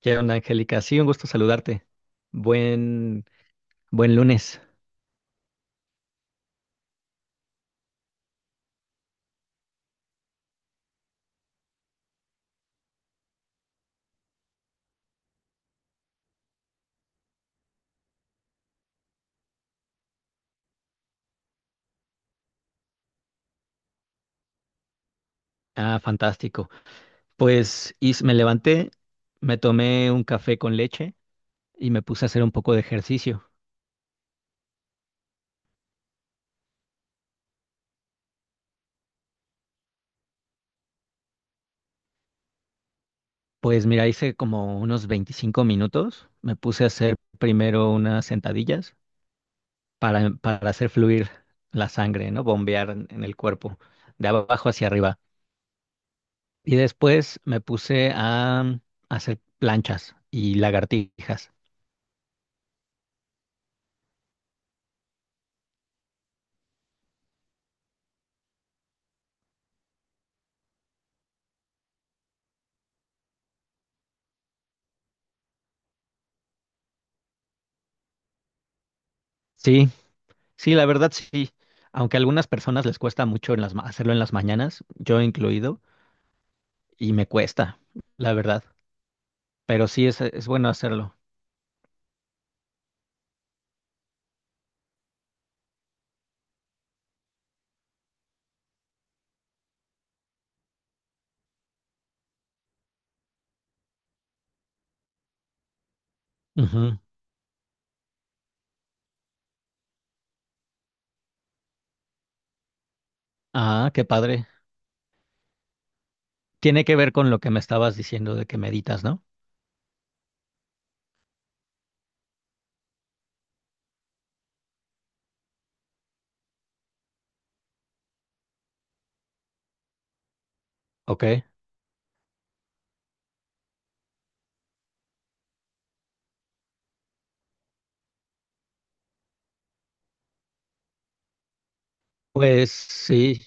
¿Qué onda, Angélica? Sí, un gusto saludarte. Buen, buen lunes. Ah, fantástico. Pues y me levanté, me tomé un café con leche y me puse a hacer un poco de ejercicio. Pues mira, hice como unos 25 minutos. Me puse a hacer primero unas sentadillas para hacer fluir la sangre, ¿no? Bombear en el cuerpo, de abajo hacia arriba. Y después me puse a hacer planchas y lagartijas. Sí, Sí, la verdad sí. Aunque a algunas personas les cuesta mucho en las, hacerlo en las mañanas, yo incluido, y me cuesta, la verdad. Pero sí es bueno hacerlo. Ujú. Ah, qué padre. Tiene que ver con lo que me estabas diciendo de que meditas, ¿no? Ok. Pues sí,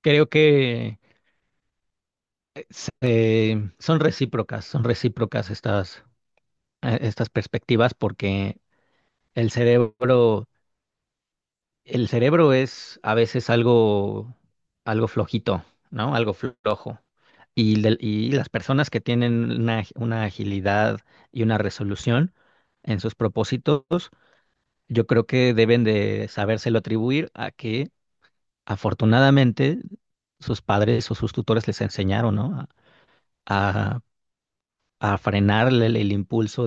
creo que son recíprocas estas, estas perspectivas porque el cerebro El cerebro es a veces algo, algo flojito, ¿no? Algo flojo. Y, y las personas que tienen una agilidad y una resolución en sus propósitos, yo creo que deben de sabérselo atribuir a que afortunadamente sus padres o sus tutores les enseñaron, ¿no? A, a- a frenar el impulso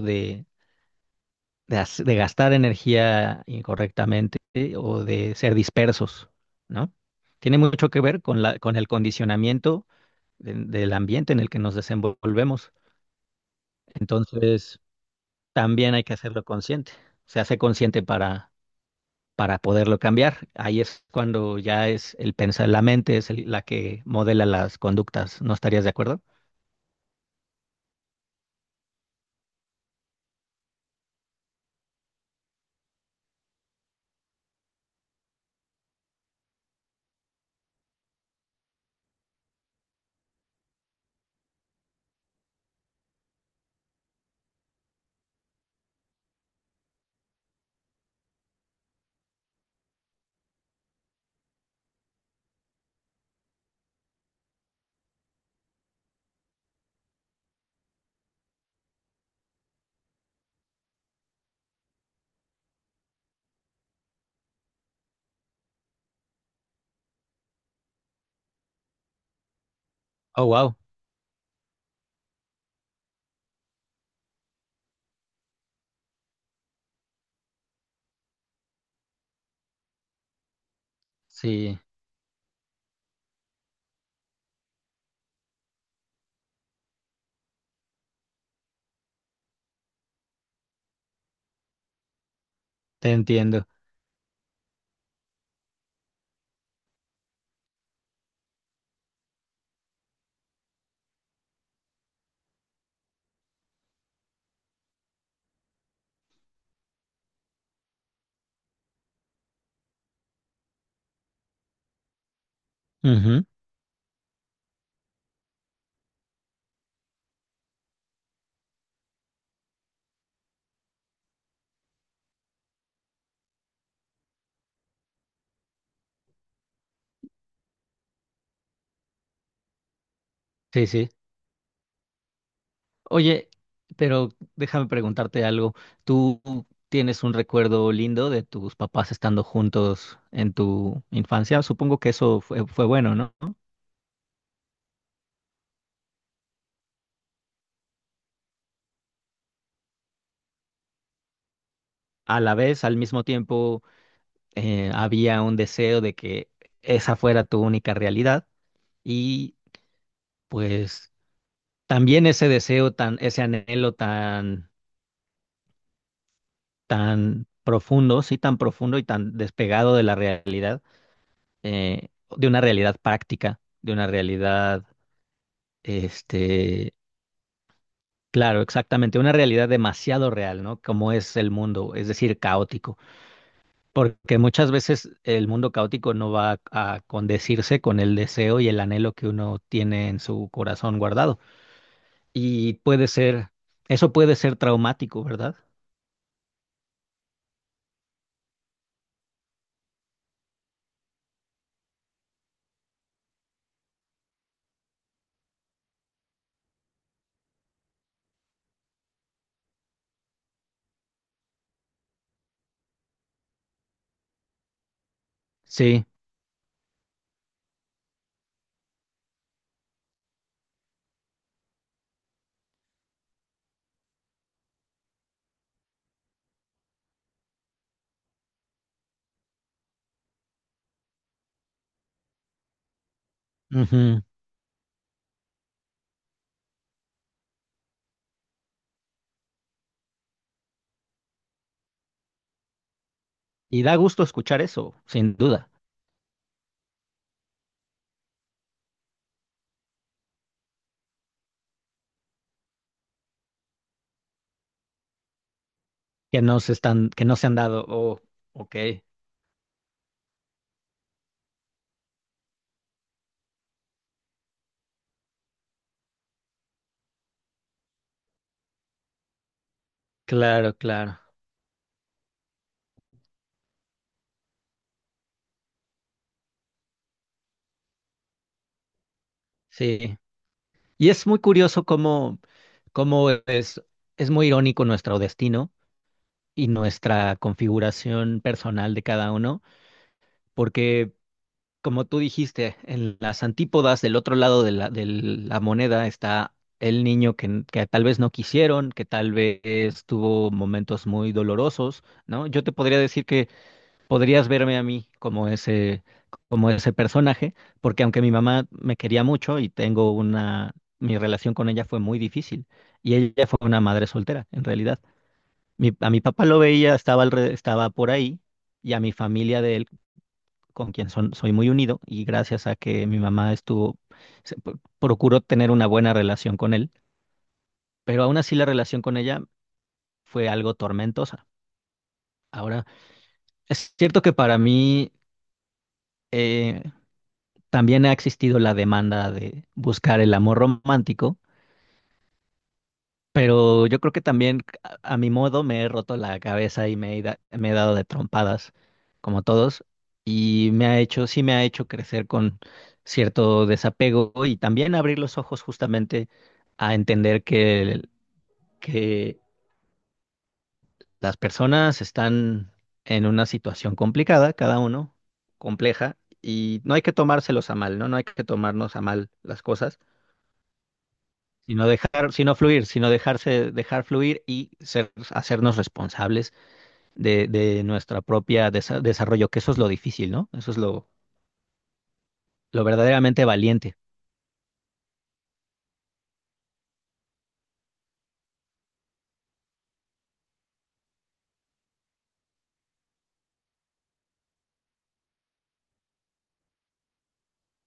de, de gastar energía incorrectamente o de ser dispersos, ¿no? Tiene mucho que ver con la, con el condicionamiento del ambiente en el que nos desenvolvemos. Entonces, también hay que hacerlo consciente. Se hace consciente para poderlo cambiar. Ahí es cuando ya es el pensar, la mente es la que modela las conductas. ¿No estarías de acuerdo? Oh, wow. Sí, te entiendo. Ujú, sí, sí. Oye, pero déjame preguntarte algo. ¿Tú tienes un recuerdo lindo de tus papás estando juntos en tu infancia? Supongo que eso fue, fue bueno, ¿no? A la vez, al mismo tiempo, había un deseo de que esa fuera tu única realidad y pues también ese deseo tan, ese anhelo tan, tan profundo, sí, tan profundo y tan despegado de la realidad, eh, de una realidad práctica, de una realidad Este, claro, exactamente, una realidad demasiado real, ¿no? Como es el mundo, es decir, caótico, porque muchas veces el mundo caótico no va a condecirse con el deseo y el anhelo que uno tiene en su corazón guardado. Y puede ser, eso puede ser traumático, ¿verdad? Sí. Ujú. Y da gusto escuchar eso, sin duda, que no se están, que no se han dado. Oh, ok, claro, claro. Sí. Y es muy curioso cómo, cómo es muy irónico nuestro destino y nuestra configuración personal de cada uno, porque como tú dijiste, en las antípodas del otro lado de la moneda está el niño que tal vez no quisieron, que tal vez tuvo momentos muy dolorosos, ¿no? Yo te podría decir que podrías verme a mí como ese personaje, porque aunque mi mamá me quería mucho y tengo una, mi relación con ella fue muy difícil y ella fue una madre soltera, en realidad. A mi papá lo veía, estaba, estaba por ahí y a mi familia de él, con quien son, soy muy unido y gracias a que mi mamá estuvo, procuró tener una buena relación con él, pero aún así la relación con ella fue algo tormentosa. Ahora, es cierto que para mí... eh, también ha existido la demanda de buscar el amor romántico, pero yo creo que también a mi modo me he roto la cabeza y me he, me he dado de trompadas, como todos, y me ha hecho, sí me ha hecho crecer con cierto desapego y también abrir los ojos justamente a entender que, que las personas están en una situación complicada, cada uno, compleja, y no hay que tomárselos a mal, ¿no? No hay que tomarnos a mal las cosas. Sino dejar, sino fluir, sino dejarse, dejar fluir y ser, hacernos responsables de nuestra propia desarrollo, que eso es lo difícil, ¿no? Eso es lo verdaderamente valiente.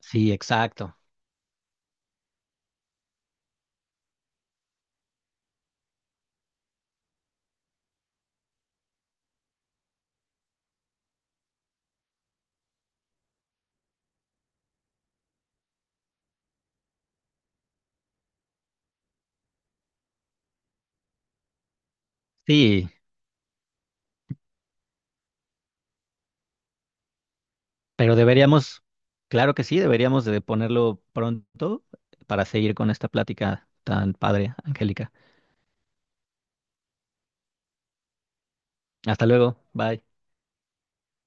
Sí, exacto. Sí, pero deberíamos, claro que sí, deberíamos de ponerlo pronto para seguir con esta plática tan padre, Angélica. Hasta luego, bye.